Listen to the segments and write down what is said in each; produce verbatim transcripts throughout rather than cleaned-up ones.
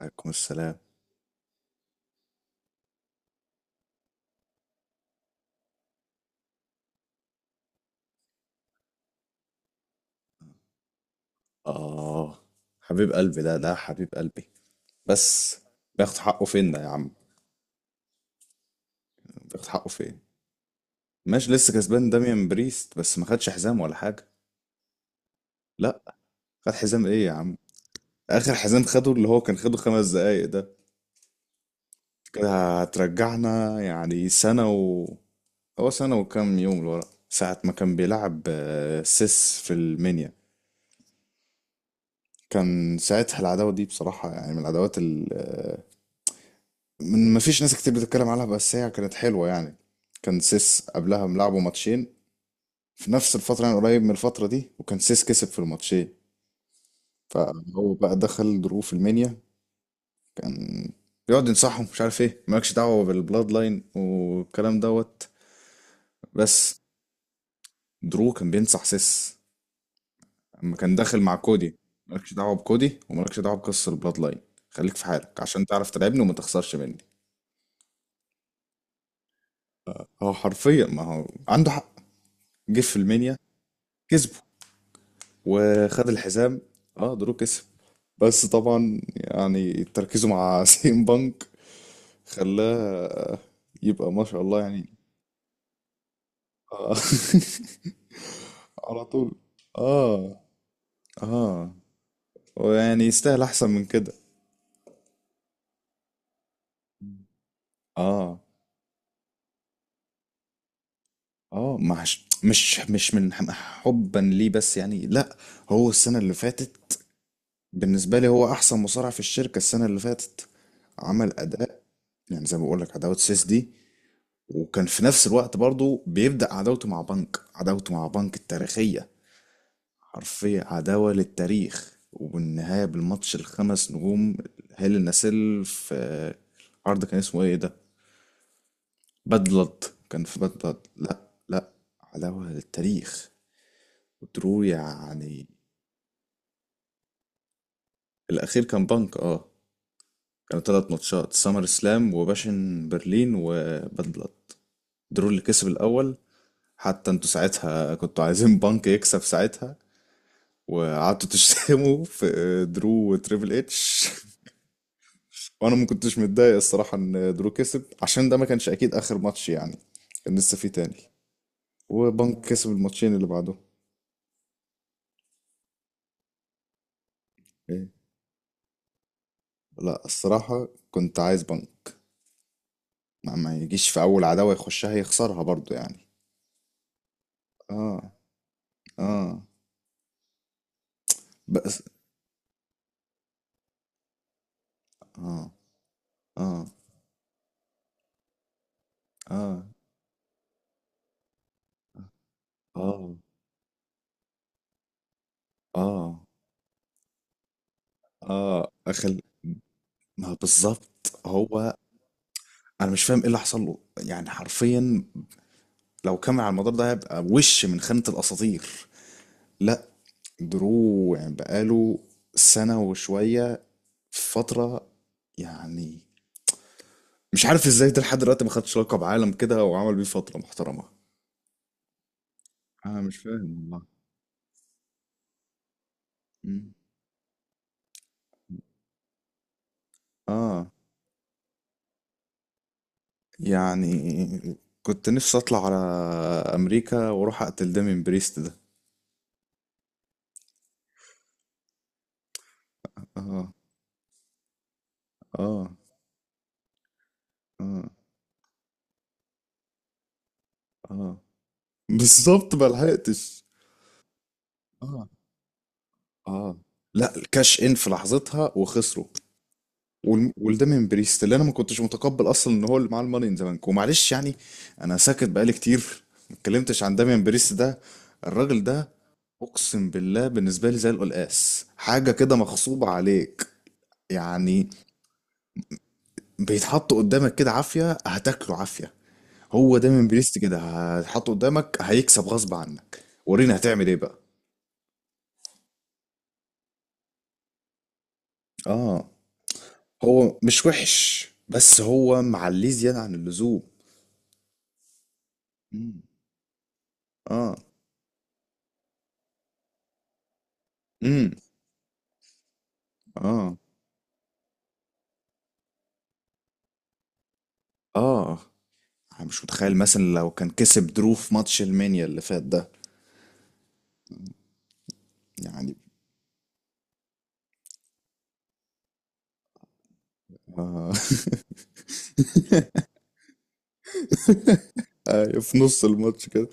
عليكم السلام. آه حبيب قلبي، ده ده حبيب قلبي. بس بياخد حقه فين ده يا عم؟ بياخد حقه فين؟ ماشي، لسه كسبان داميان بريست، بس ما خدش حزام ولا حاجة. لا، خد حزام ايه يا عم؟ آخر حزام خده اللي هو كان خده خمس دقايق ده. كده هترجعنا يعني سنة و، هو سنة وكام يوم لورا، ساعة ما كان بيلعب آه، سيس في المنيا. كان ساعتها العداوة دي بصراحة يعني من العداوات ال- من، ما فيش ناس كتير بتتكلم عنها بس هي كانت حلوة يعني. كان سيس قبلها ملعبه ماتشين في نفس الفترة، يعني قريب من الفترة دي، وكان سيس كسب في الماتشين. فهو بقى دخل دروب في المنيا، كان بيقعد ينصحهم مش عارف ايه، مالكش دعوة بالبلاد لاين والكلام دوت. بس درو كان بينصح سيس اما كان داخل مع كودي. مالكش دعوة بكودي ومالكش دعوة بقصة البلاد لاين. خليك في حالك عشان تعرف تلعبني وما تخسرش مني. هو حرفيا، ما هو عنده حق. جه في المنيا كسبه وخد الحزام. اه، درو كسب. بس طبعا يعني تركيزه مع سيم بانك خلاه. يبقى ما شاء الله يعني. آه، على طول. اه اه. ويعني يستاهل احسن من كده. اه. اه. مش مش مش من ح- حبا ليه، بس يعني لا. هو السنة اللي فاتت بالنسبة لي هو احسن مصارع في الشركة السنة اللي فاتت. عمل اداء يعني زي ما بقول لك عداوة سيس دي، وكان في نفس الوقت برضو بيبدأ عداوته مع بنك، عداوته مع بنك التاريخية. حرفيا عداوة للتاريخ. وبالنهاية بالماتش الخمس نجوم هيل النسيل في آه، عرض كان اسمه ايه ده؟ باد بلاد. كان في باد بلاد. لا، لا، عداوة للتاريخ. ودرو يعني. الأخير كان بنك، اه. كانوا تلات ماتشات: سامر سلام وباشن برلين وباد بلاد. درو اللي كسب الأول. حتى انتوا ساعتها كنتوا عايزين بانك يكسب ساعتها، وقعدتوا تشتموا في درو وتريبل اتش. وانا ما كنتش متضايق الصراحه ان درو كسب عشان ده ما كانش اكيد اخر ماتش يعني، كان لسه في تاني. وبنك كسب الماتشين اللي بعده. إيه؟ لا، الصراحه كنت عايز بنك. ما, ما يجيش في اول عداوه يخشها يخسرها برضو يعني. اه. اه. بس اه. اه. اه. اه. اه. اه اخل ما بالظبط هو. انا مش فاهم ايه اللي حصل له، يعني حرفيا لو كمل على المدار ده هيبقى وش من خانة الأساطير. لا. درو يعني بقاله سنة وشوية في فترة، يعني مش عارف ازاي ده لحد دلوقتي ما خدش لقب عالم كده وعمل بيه فترة محترمة. انا مش فاهم والله. مم. اه، يعني كنت نفسي اطلع على امريكا واروح اقتل دامين بريست ده. اه. اه. اه. اه بالظبط، ما لحقتش. اه. اه. لا، كاش ان في لحظتها وخسروا. وال- وده من بريست، اللي انا ما كنتش متقبل اصلا ان هو اللي معاه الماني ان ذا بانك ومعلش يعني. انا ساكت بقالي كتير، ما اتكلمتش عن داميان بريست ده. الراجل ده اقسم بالله بالنسبه لي زي القلقاس، حاجه كده مغصوبه عليك يعني. بيتحط قدامك كده عافيه، هتاكله عافيه. هو دايما بريست كده، هتحطه قدامك هيكسب غصب عنك. ورينا هتعمل ايه بقى. اه، هو مش وحش بس هو معليه زياده عن اللزوم. مم. اه. امم. اه. اه. أنا مش متخيل مثلا لو كان كسب درو في ماتش المانيا اللي فات ده. يعني آه. آه، في نص الماتش كده.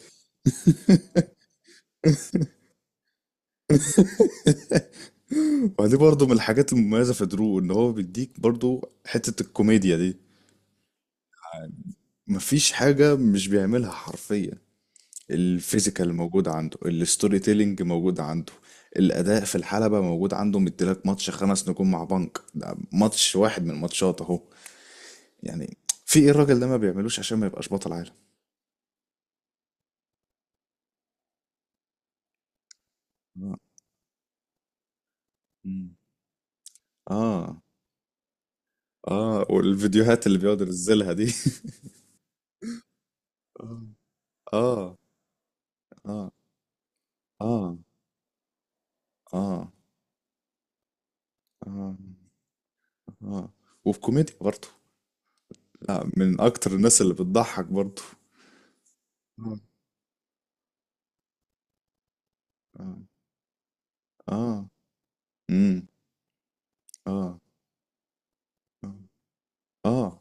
ودي برضو من الحاجات المميزة في درو، ان هو بيديك برضو حتة الكوميديا دي. مفيش حاجة مش بيعملها حرفيا. الفيزيكال موجود عنده، الستوري تيلينج موجود عنده، الأداء في الحلبة موجود عنده، مديلك ماتش خمس نجوم مع بنك، ده ماتش واحد من الماتشات اهو. يعني في ايه الراجل ده ما بيعملوش عشان ما يبقاش بطل عالم؟ اه. مم. آه. اه، والفيديوهات اللي بيقعد ينزلها دي. اه. اه. اه. اه. اه. اه. اه. وفي كوميديا برضه. لا، من اكتر الناس اللي بتضحك برضه. اه. اه. اه. امم. اه. اه. اه.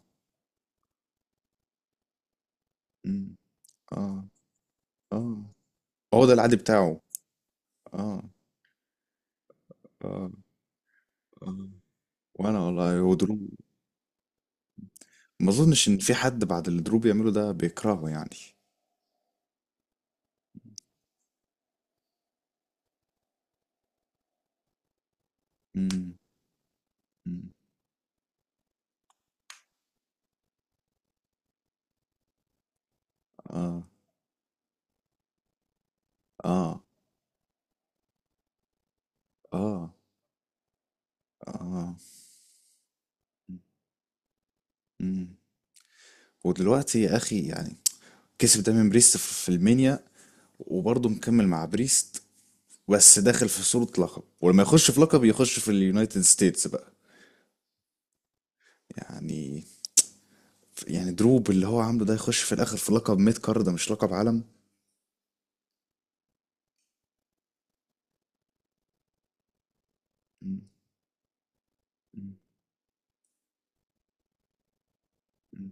امم. اه. اه. هو ده العادي بتاعه. اه. اه. اه. وانا والله، هو درو ما اظنش ان في حد بعد اللي درو بيعمله ده بيكرهه يعني. امم. امم. اه. اه. اه. اه. امم. ودلوقتي يا اخي يعني كسب دايما بريست في في المنيا وبرضه مكمل مع بريست. بس داخل في صورة لقب، ولما يخش في لقب يخش في اليونايتد ستيتس بقى. يعني، يعني دروب اللي هو عامله ده يخش في الاخر في لقب ميد كارد، ده مش لقب عالم. مم. مم. مم.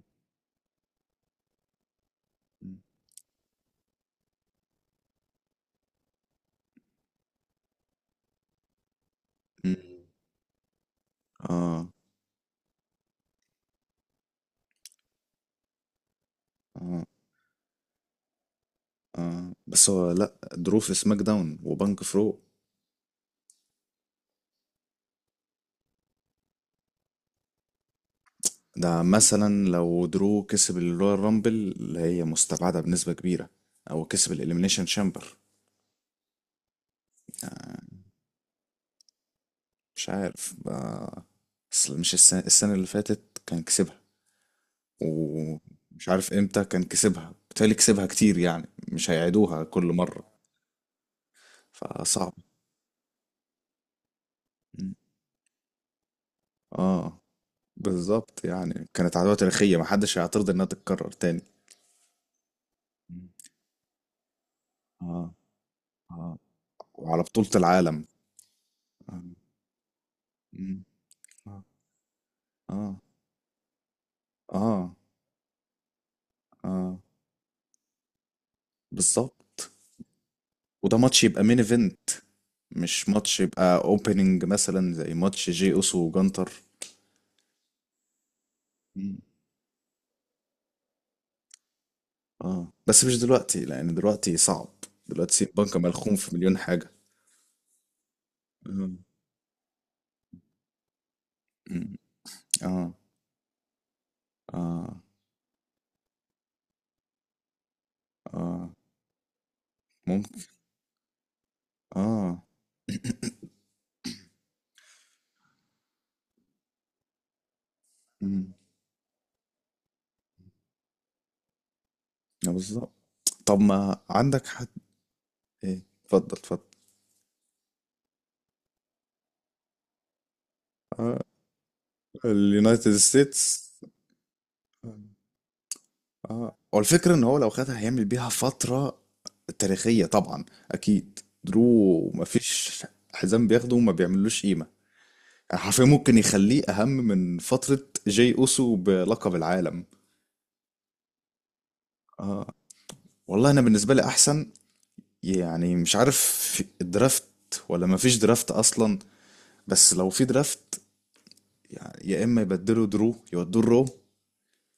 مم. اه. اه. اه بس هو لا، درو في سماك داون وبنك فرو. ده مثلا لو درو كسب الرويال رامبل، اللي هي مستبعدة بنسبة كبيرة، او كسب الاليمينيشن شامبر. يعني مش عارف بقى، اصل مش السنة, السنة اللي فاتت كان كسبها، ومش عارف امتى كان كسبها، بالتالي كسبها كتير يعني مش هيعيدوها كل مرة. فصعب. م. اه بالظبط، يعني كانت عدوى تاريخية محدش هيعترض انها تتكرر تاني. م. اه. اه وعلى بطولة العالم. اه. م. اه. اه. اه. آه. بالظبط. وده ماتش يبقى مين ايفنت، مش ماتش يبقى اوبننج مثلا زي ماتش جي اوسو وجانتر. اه بس مش دلوقتي لان دلوقتي صعب. دلوقتي البنك ملخوم في مليون حاجة. مم. مم. اه. اه. اه. ممكن. اه. مم. آه، بالظبط. طب ما عندك حد؟ ايه؟ اتفضل اتفضل. آه. اليونايتد ستيتس. اه، هو الفكرة ان هو لو خدها هيعمل بيها فترة تاريخية طبعا. اكيد درو مفيش حزام بياخده وما بيعملوش قيمة. يعني حرفيا ممكن يخليه اهم من فترة جاي اوسو بلقب العالم. اه. والله انا بالنسبه لي احسن. يعني مش عارف، في الدرافت ولا ما فيش درافت اصلا؟ بس لو في درافت، يعني يا اما يبدلوا درو يودوه الرو،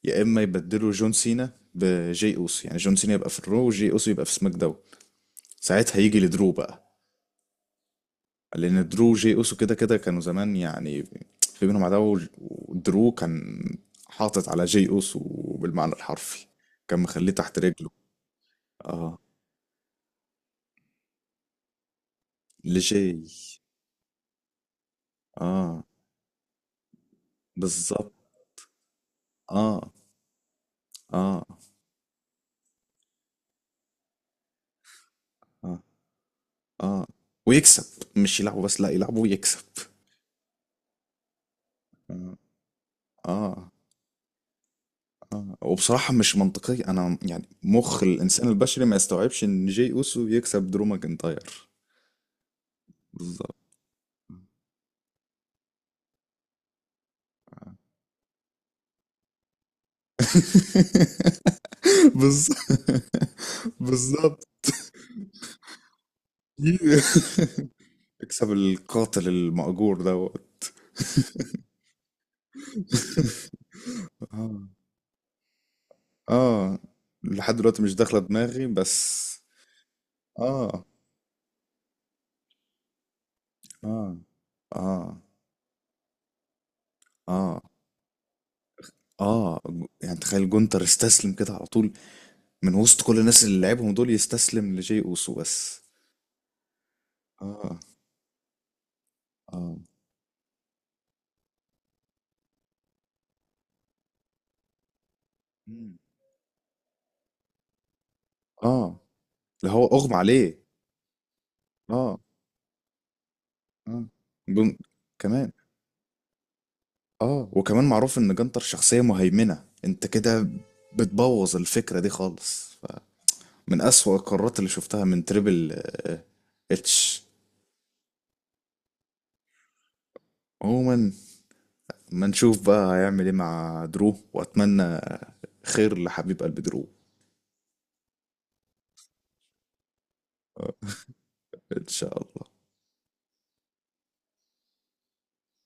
يا اما يبدلوا جون سينا بجي اوسو، يعني جون سينا يبقى في الرو وجي اوسو يبقى في سماك داون، ساعتها يجي لدرو بقى. لان درو وجي اوسو كده كده كانوا زمان يعني في بينهم عداوه، ودرو كان حاطط على جي اوسو بالمعنى الحرفي. كان مخليه تحت رجله. اه. لجي اه بالظبط. اه. اه. اه. اه ويكسب، مش يلعبوا بس، لا يلعبوا ويكسب. اه. اه. آه. وبصراحة مش منطقية، انا يعني مخ الانسان البشري ما يستوعبش ان جي اوسو يكسب درو ماكنتاير. بالظبط. بالظبط. بالظبط. يكسب القاتل المأجور دوت. اه. اه لحد دلوقتي مش داخلة دماغي بس. اه. اه. اه. اه. اه جو- يعني تخيل جونتر استسلم كده على طول، من وسط كل الناس اللي لعبهم دول يستسلم لجي اوسو بس. اه. اه. مم. اه، اللي هو اغمى عليه. اه. اه. جون كمان. اه، وكمان معروف ان جنتر شخصية مهيمنة، انت كده بتبوظ الفكرة دي خالص ف... من اسوأ القرارات اللي شفتها من تريبل آه، اتش. عموما ما نشوف بقى هيعمل ايه مع درو، واتمنى خير لحبيب قلب درو. آه، ان شاء الله.